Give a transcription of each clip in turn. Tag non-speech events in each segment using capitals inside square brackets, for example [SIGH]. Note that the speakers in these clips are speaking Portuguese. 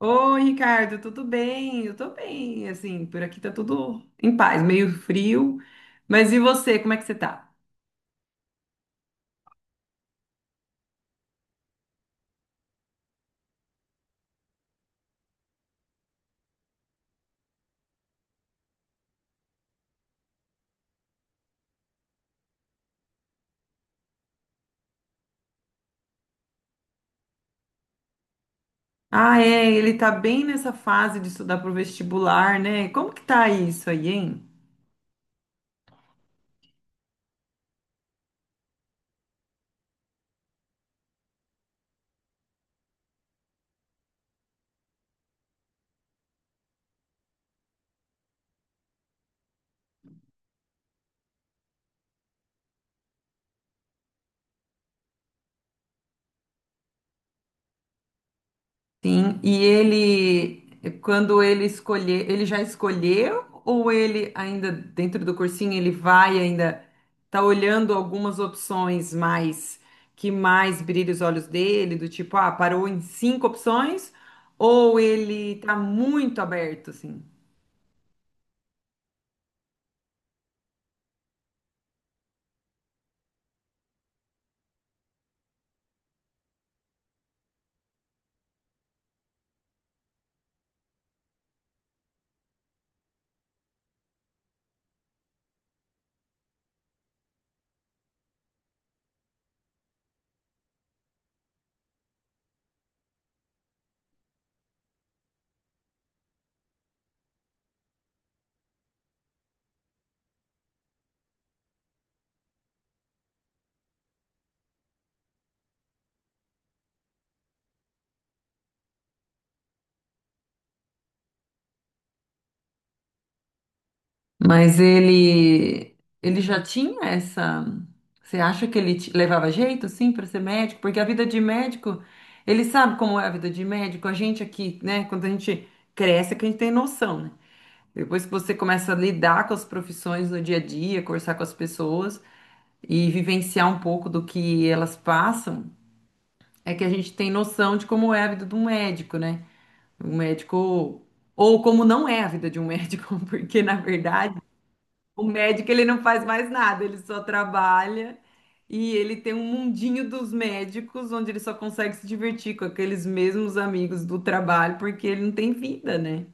Oi, Ricardo, tudo bem? Eu tô bem, assim, por aqui tá tudo em paz, meio frio. Mas e você, como é que você tá? Ah, é, ele tá bem nessa fase de estudar pro vestibular, né? Como que tá isso aí, hein? Sim, quando ele escolher, ele já escolheu ou ele ainda dentro do cursinho ele vai ainda tá olhando algumas opções mais que mais brilha os olhos dele, do tipo, ah, parou em cinco opções ou ele tá muito aberto assim? Mas ele já tinha essa. Você acha que ele levava jeito, sim, para ser médico? Porque a vida de médico, ele sabe como é a vida de médico. A gente aqui, né? Quando a gente cresce, é que a gente tem noção, né? Depois que você começa a lidar com as profissões no dia a dia, conversar com as pessoas e vivenciar um pouco do que elas passam, é que a gente tem noção de como é a vida de um médico, né? Um médico ou como não é a vida de um médico, [LAUGHS] porque na verdade o médico, ele não faz mais nada, ele só trabalha e ele tem um mundinho dos médicos onde ele só consegue se divertir com aqueles mesmos amigos do trabalho porque ele não tem vida, né?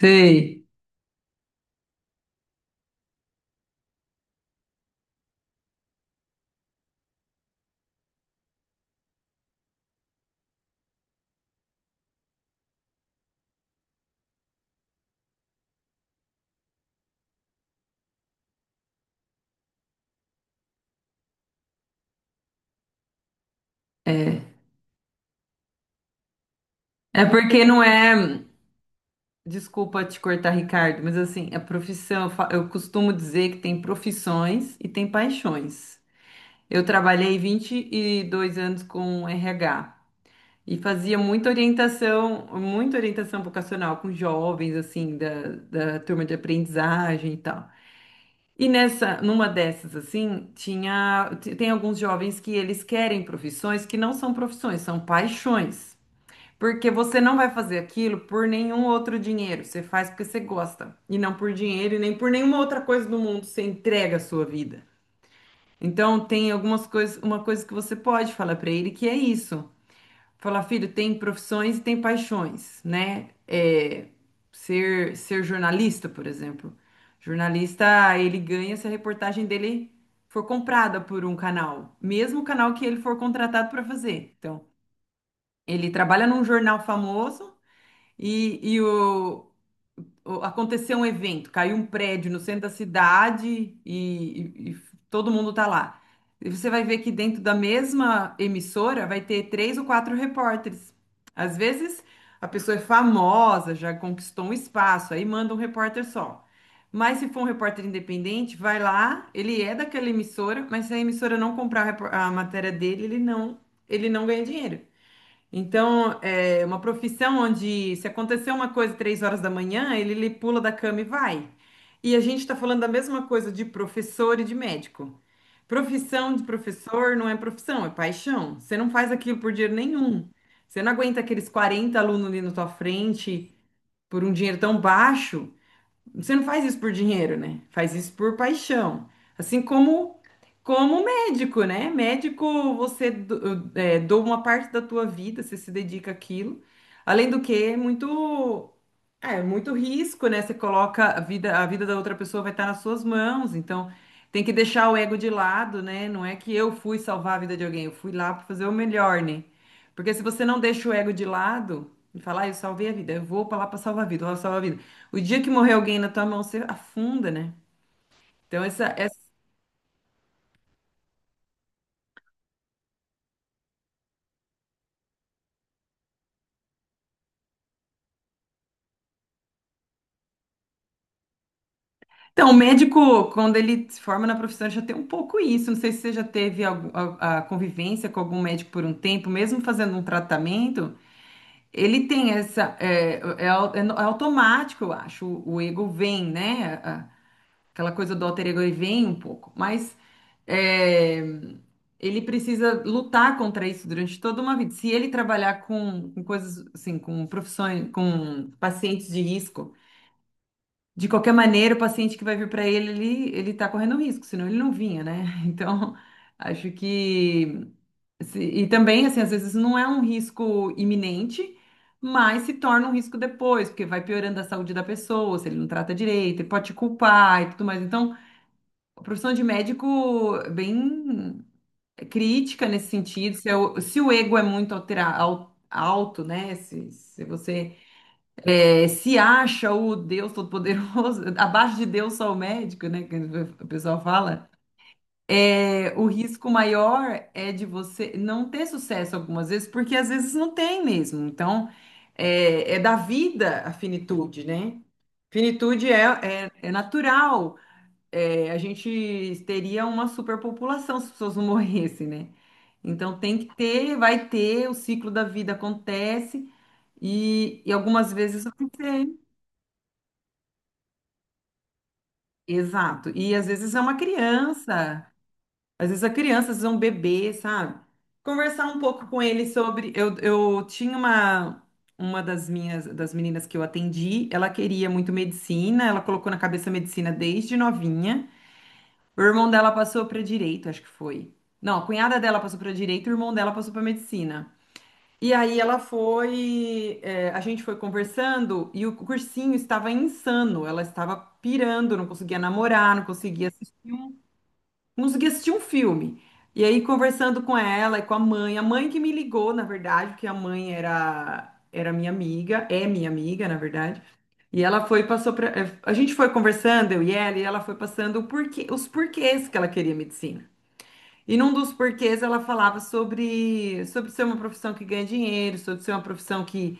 Sei, é. É porque não é. Desculpa te cortar, Ricardo, mas assim, a profissão, eu costumo dizer que tem profissões e tem paixões. Eu trabalhei 22 anos com RH. E fazia muita orientação vocacional com jovens, assim, da, da turma de aprendizagem e tal. E nessa, numa dessas, assim, tem alguns jovens que eles querem profissões que não são profissões, são paixões. Porque você não vai fazer aquilo por nenhum outro dinheiro, você faz porque você gosta, e não por dinheiro e nem por nenhuma outra coisa do mundo, você entrega a sua vida. Então, tem algumas coisas, uma coisa que você pode falar para ele que é isso falar, filho, tem profissões e tem paixões, né? É, ser, ser jornalista, por exemplo. Jornalista, ele ganha se a reportagem dele for comprada por um canal, mesmo o canal que ele for contratado para fazer. Então, ele trabalha num jornal famoso e aconteceu um evento, caiu um prédio no centro da cidade e, e todo mundo tá lá. E você vai ver que dentro da mesma emissora vai ter três ou quatro repórteres. Às vezes a pessoa é famosa, já conquistou um espaço, aí manda um repórter só. Mas se for um repórter independente, vai lá, ele é daquela emissora, mas se a emissora não comprar a a matéria dele, ele não ganha dinheiro. Então, é uma profissão onde se acontecer uma coisa 3 horas da manhã, ele, ele pula da cama e vai. E a gente está falando da mesma coisa de professor e de médico. Profissão de professor não é profissão, é paixão. Você não faz aquilo por dinheiro nenhum. Você não aguenta aqueles 40 alunos ali na tua frente por um dinheiro tão baixo, você não faz isso por dinheiro, né? Faz isso por paixão. Assim como médico, né? Médico, você é, doa uma parte da tua vida, você se dedica àquilo. Além do que, é muito é muito risco, né? Você coloca a vida da outra pessoa vai estar nas suas mãos, então tem que deixar o ego de lado, né? Não é que eu fui salvar a vida de alguém, eu fui lá para fazer o melhor, né? Porque se você não deixa o ego de lado e falar, ah, eu salvei a vida, eu vou pra lá pra salvar a vida, eu vou salvar a vida. O dia que morrer alguém na tua mão, você afunda, né? Então, Então, o médico, quando ele se forma na profissão, ele já tem um pouco isso. Não sei se você já teve a convivência com algum médico por um tempo, mesmo fazendo um tratamento, ele tem essa. É automático, eu acho. O ego vem, né? Aquela coisa do alter ego ele vem um pouco, mas é, ele precisa lutar contra isso durante toda uma vida. Se ele trabalhar com coisas assim, com profissões, com pacientes de risco, de qualquer maneira, o paciente que vai vir para ele, ele, ele tá correndo risco, senão ele não vinha, né? [LAUGHS] Então, acho que e também assim, às vezes não é um risco iminente, mas se torna um risco depois, porque vai piorando a saúde da pessoa, se ele não trata direito, ele pode te culpar e tudo mais. Então, a profissão de médico é bem crítica nesse sentido. Se o ego é muito alto, né? Se você se acha o Deus Todo-Poderoso, [LAUGHS] abaixo de Deus só o médico, né? Que o pessoal fala. É, o risco maior é de você não ter sucesso algumas vezes, porque às vezes não tem mesmo. Então, é, é da vida a finitude, né? Finitude é, é, é natural, é, a gente teria uma superpopulação se as pessoas não morressem, né? Então tem que ter, vai ter, o ciclo da vida acontece e algumas vezes vai ter. Exato. E às vezes é uma criança, às vezes a criança, às vezes é um bebê, sabe? Conversar um pouco com ele sobre. Eu tinha uma das minhas das meninas que eu atendi, ela queria muito medicina, ela colocou na cabeça medicina desde novinha. O irmão dela passou para direito, acho que foi. Não, a cunhada dela passou para direito, o irmão dela passou para medicina. E aí ela foi, a gente foi conversando e o cursinho estava insano. Ela estava pirando, não conseguia namorar, não conseguia, não conseguia assistir um filme. E aí conversando com ela e com a mãe que me ligou, na verdade, porque a mãe era minha amiga, é minha amiga, na verdade. E ela foi passou para, a gente foi conversando eu e ela foi passando o porquê, os porquês que ela queria medicina. E num dos porquês ela falava sobre, sobre ser uma profissão que ganha dinheiro, sobre ser uma profissão que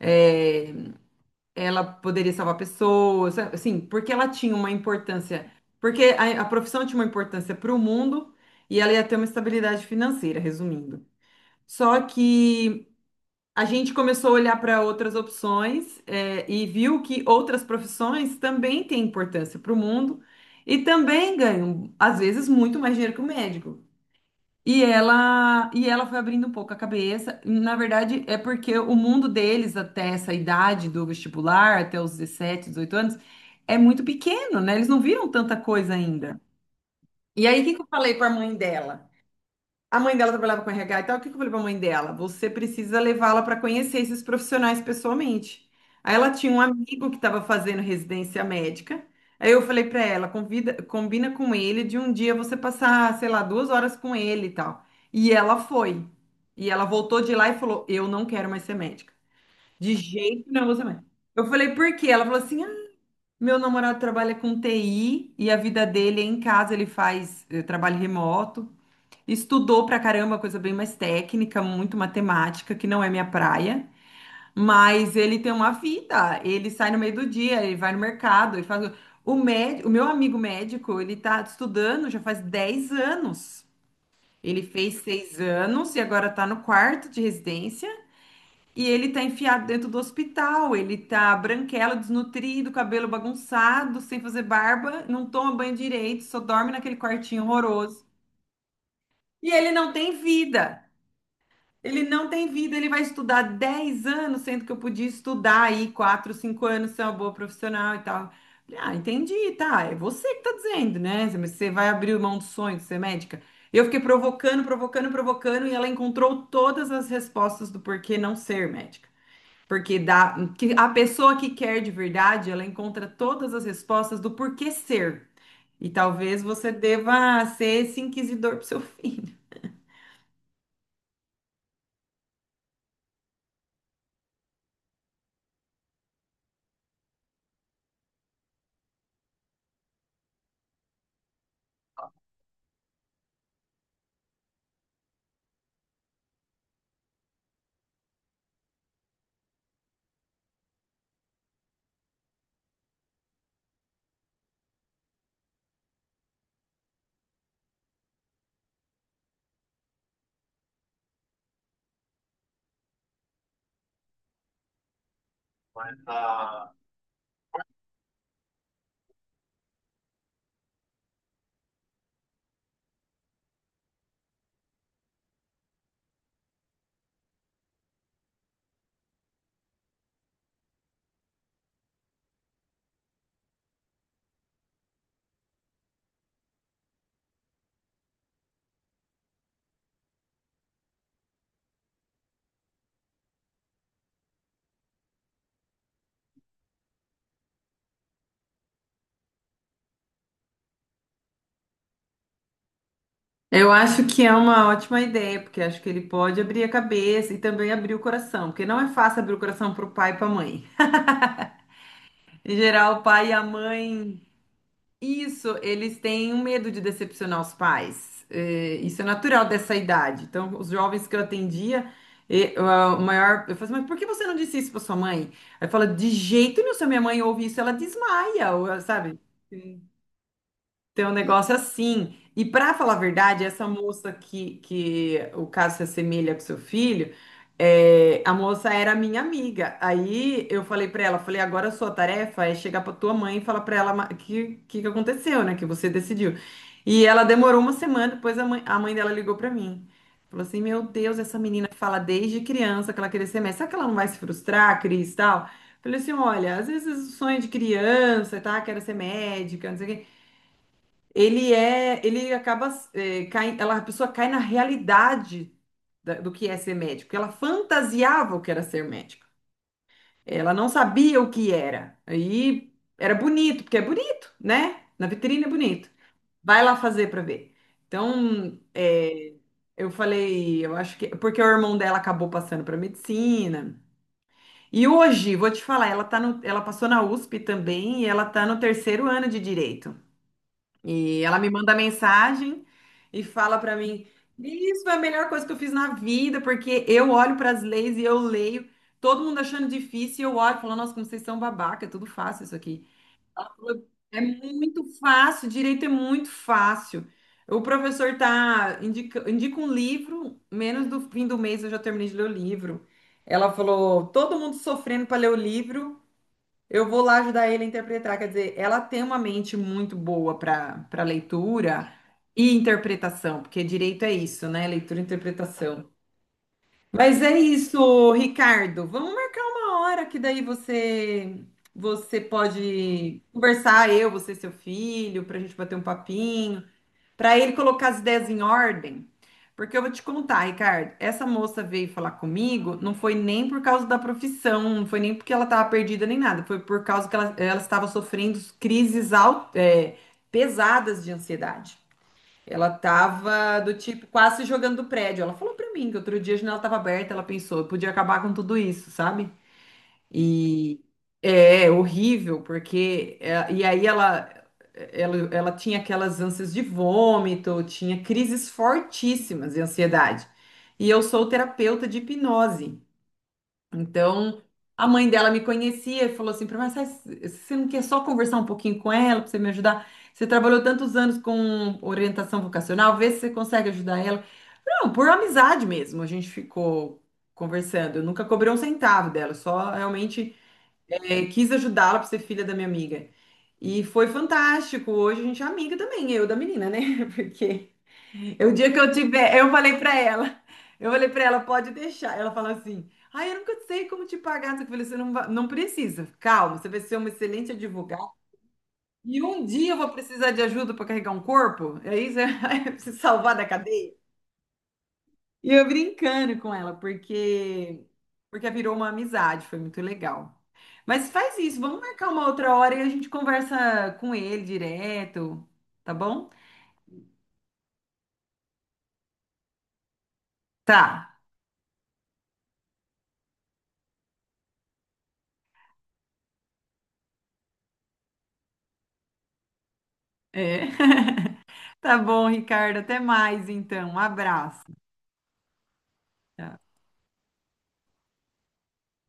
é, ela poderia salvar pessoas, sabe? Assim, porque ela tinha uma importância, porque a profissão tinha uma importância para o mundo e ela ia ter uma estabilidade financeira, resumindo. Só que a gente começou a olhar para outras opções é, e viu que outras profissões também têm importância para o mundo e também ganham, às vezes, muito mais dinheiro que o médico. E ela foi abrindo um pouco a cabeça. Na verdade, é porque o mundo deles, até essa idade do vestibular, até os 17, 18 anos, é muito pequeno, né? Eles não viram tanta coisa ainda. E aí, o que que eu falei para a mãe dela? A mãe dela trabalhava com RH e tal. O que que eu falei pra mãe dela? Você precisa levá-la para conhecer esses profissionais pessoalmente. Aí ela tinha um amigo que estava fazendo residência médica. Aí eu falei pra ela, convida, combina com ele de um dia você passar, sei lá, 2 horas com ele e tal. E ela foi. E ela voltou de lá e falou: Eu não quero mais ser médica. De jeito nenhum, eu vou ser médica. Eu falei: Por quê? Ela falou assim: "Ah, meu namorado trabalha com TI e a vida dele é em casa, ele faz trabalho remoto. Estudou pra caramba, coisa bem mais técnica, muito matemática, que não é minha praia, mas ele tem uma vida, ele sai no meio do dia, ele vai no mercado, ele faz. O médico, o meu amigo médico, ele tá estudando já faz 10 anos. Ele fez 6 anos e agora tá no quarto de residência e ele tá enfiado dentro do hospital. Ele tá branquelo, desnutrido, cabelo bagunçado, sem fazer barba, não toma banho direito, só dorme naquele quartinho horroroso. E ele não tem vida. Ele não tem vida, ele vai estudar 10 anos, sendo que eu podia estudar aí 4, 5 anos, ser uma boa profissional e tal. Falei, ah, entendi, tá. É você que tá dizendo, né? Mas você vai abrir mão do sonho de ser médica? Eu fiquei provocando, provocando, provocando, e ela encontrou todas as respostas do porquê não ser médica. Porque dá, que a pessoa que quer de verdade, ela encontra todas as respostas do porquê ser. E talvez você deva ser esse inquisidor pro seu [LAUGHS] filho. Mas, ah, Eu acho que é uma ótima ideia, porque acho que ele pode abrir a cabeça e também abrir o coração, porque não é fácil abrir o coração para o pai e para a mãe. Em geral, o pai e a mãe, isso, eles têm um medo de decepcionar os pais. É, isso é natural dessa idade. Então, os jovens que eu atendia, o maior, eu falei, assim, mas por que você não disse isso para sua mãe? Aí fala, de jeito nenhum, se a minha mãe ouve isso, ela desmaia, ou, sabe? Tem um negócio assim. E para falar a verdade, essa moça que o caso se assemelha com seu filho, a moça era minha amiga. Aí eu falei para ela, falei, agora a sua tarefa é chegar para tua mãe e falar para ela que aconteceu, né? Que você decidiu. E ela demorou uma semana, depois a mãe dela ligou para mim. Falou assim, meu Deus, essa menina fala desde criança que ela queria ser médica. Será que ela não vai se frustrar, Cris, tal? Falei assim, olha, às vezes o sonho de criança, tá? Quero ser médica, não sei o quê ele acaba, a pessoa cai na realidade do que é ser médico, porque ela fantasiava o que era ser médico. Ela não sabia o que era. Aí era bonito, porque é bonito, né? Na vitrine é bonito. Vai lá fazer pra ver. Então, eu falei, eu acho que porque o irmão dela acabou passando pra medicina. E hoje, vou te falar, ela tá no, ela passou na USP também e ela tá no terceiro ano de direito. E ela me manda mensagem e fala pra mim: Isso é a melhor coisa que eu fiz na vida, porque eu olho para as leis e eu leio, todo mundo achando difícil, e eu olho e falo: Nossa, como vocês são babaca, é tudo fácil isso aqui. É muito fácil, direito é muito fácil. O professor tá indica um livro, menos do fim do mês eu já terminei de ler o livro. Ela falou: Todo mundo sofrendo para ler o livro. Eu vou lá ajudar ele a interpretar. Quer dizer, ela tem uma mente muito boa para leitura e interpretação, porque direito é isso, né? Leitura e interpretação. Mas é isso, Ricardo. Vamos marcar uma hora que daí você pode conversar, eu, você, seu filho, para a gente bater um papinho para ele colocar as ideias em ordem. Porque eu vou te contar, Ricardo, essa moça veio falar comigo, não foi nem por causa da profissão, não foi nem porque ela estava perdida nem nada, foi por causa que ela estava sofrendo crises pesadas de ansiedade. Ela estava do tipo quase se jogando do prédio. Ela falou para mim que outro dia a janela estava aberta, ela pensou, eu podia acabar com tudo isso, sabe? E é horrível, porque é, e aí ela, ela tinha aquelas ânsias de vômito, tinha crises fortíssimas de ansiedade. E eu sou terapeuta de hipnose. Então, a mãe dela me conhecia e falou assim para mim, "Mas você não quer só conversar um pouquinho com ela para você me ajudar? Você trabalhou tantos anos com orientação vocacional, vê se você consegue ajudar ela. Não, por amizade mesmo, a gente ficou conversando. Eu nunca cobrei um centavo dela, só realmente quis ajudá-la por ser filha da minha amiga. E foi fantástico. Hoje a gente é amiga também, eu da menina, né? [LAUGHS] Porque o dia que eu tiver, eu falei pra ela, eu falei pra ela, pode deixar. Ela falou assim: "Ai, eu nunca sei como te pagar". Eu falei, você não, não precisa. Calma, você vai ser uma excelente advogada. E um dia eu vou precisar de ajuda para carregar um corpo. É isso, [LAUGHS] é se salvar da cadeia. E eu brincando com ela, porque virou uma amizade, foi muito legal. Mas faz isso, vamos marcar uma outra hora e a gente conversa com ele direto, tá bom? Tá. É. [LAUGHS] Tá bom, Ricardo, até mais então. Um abraço. Tchau.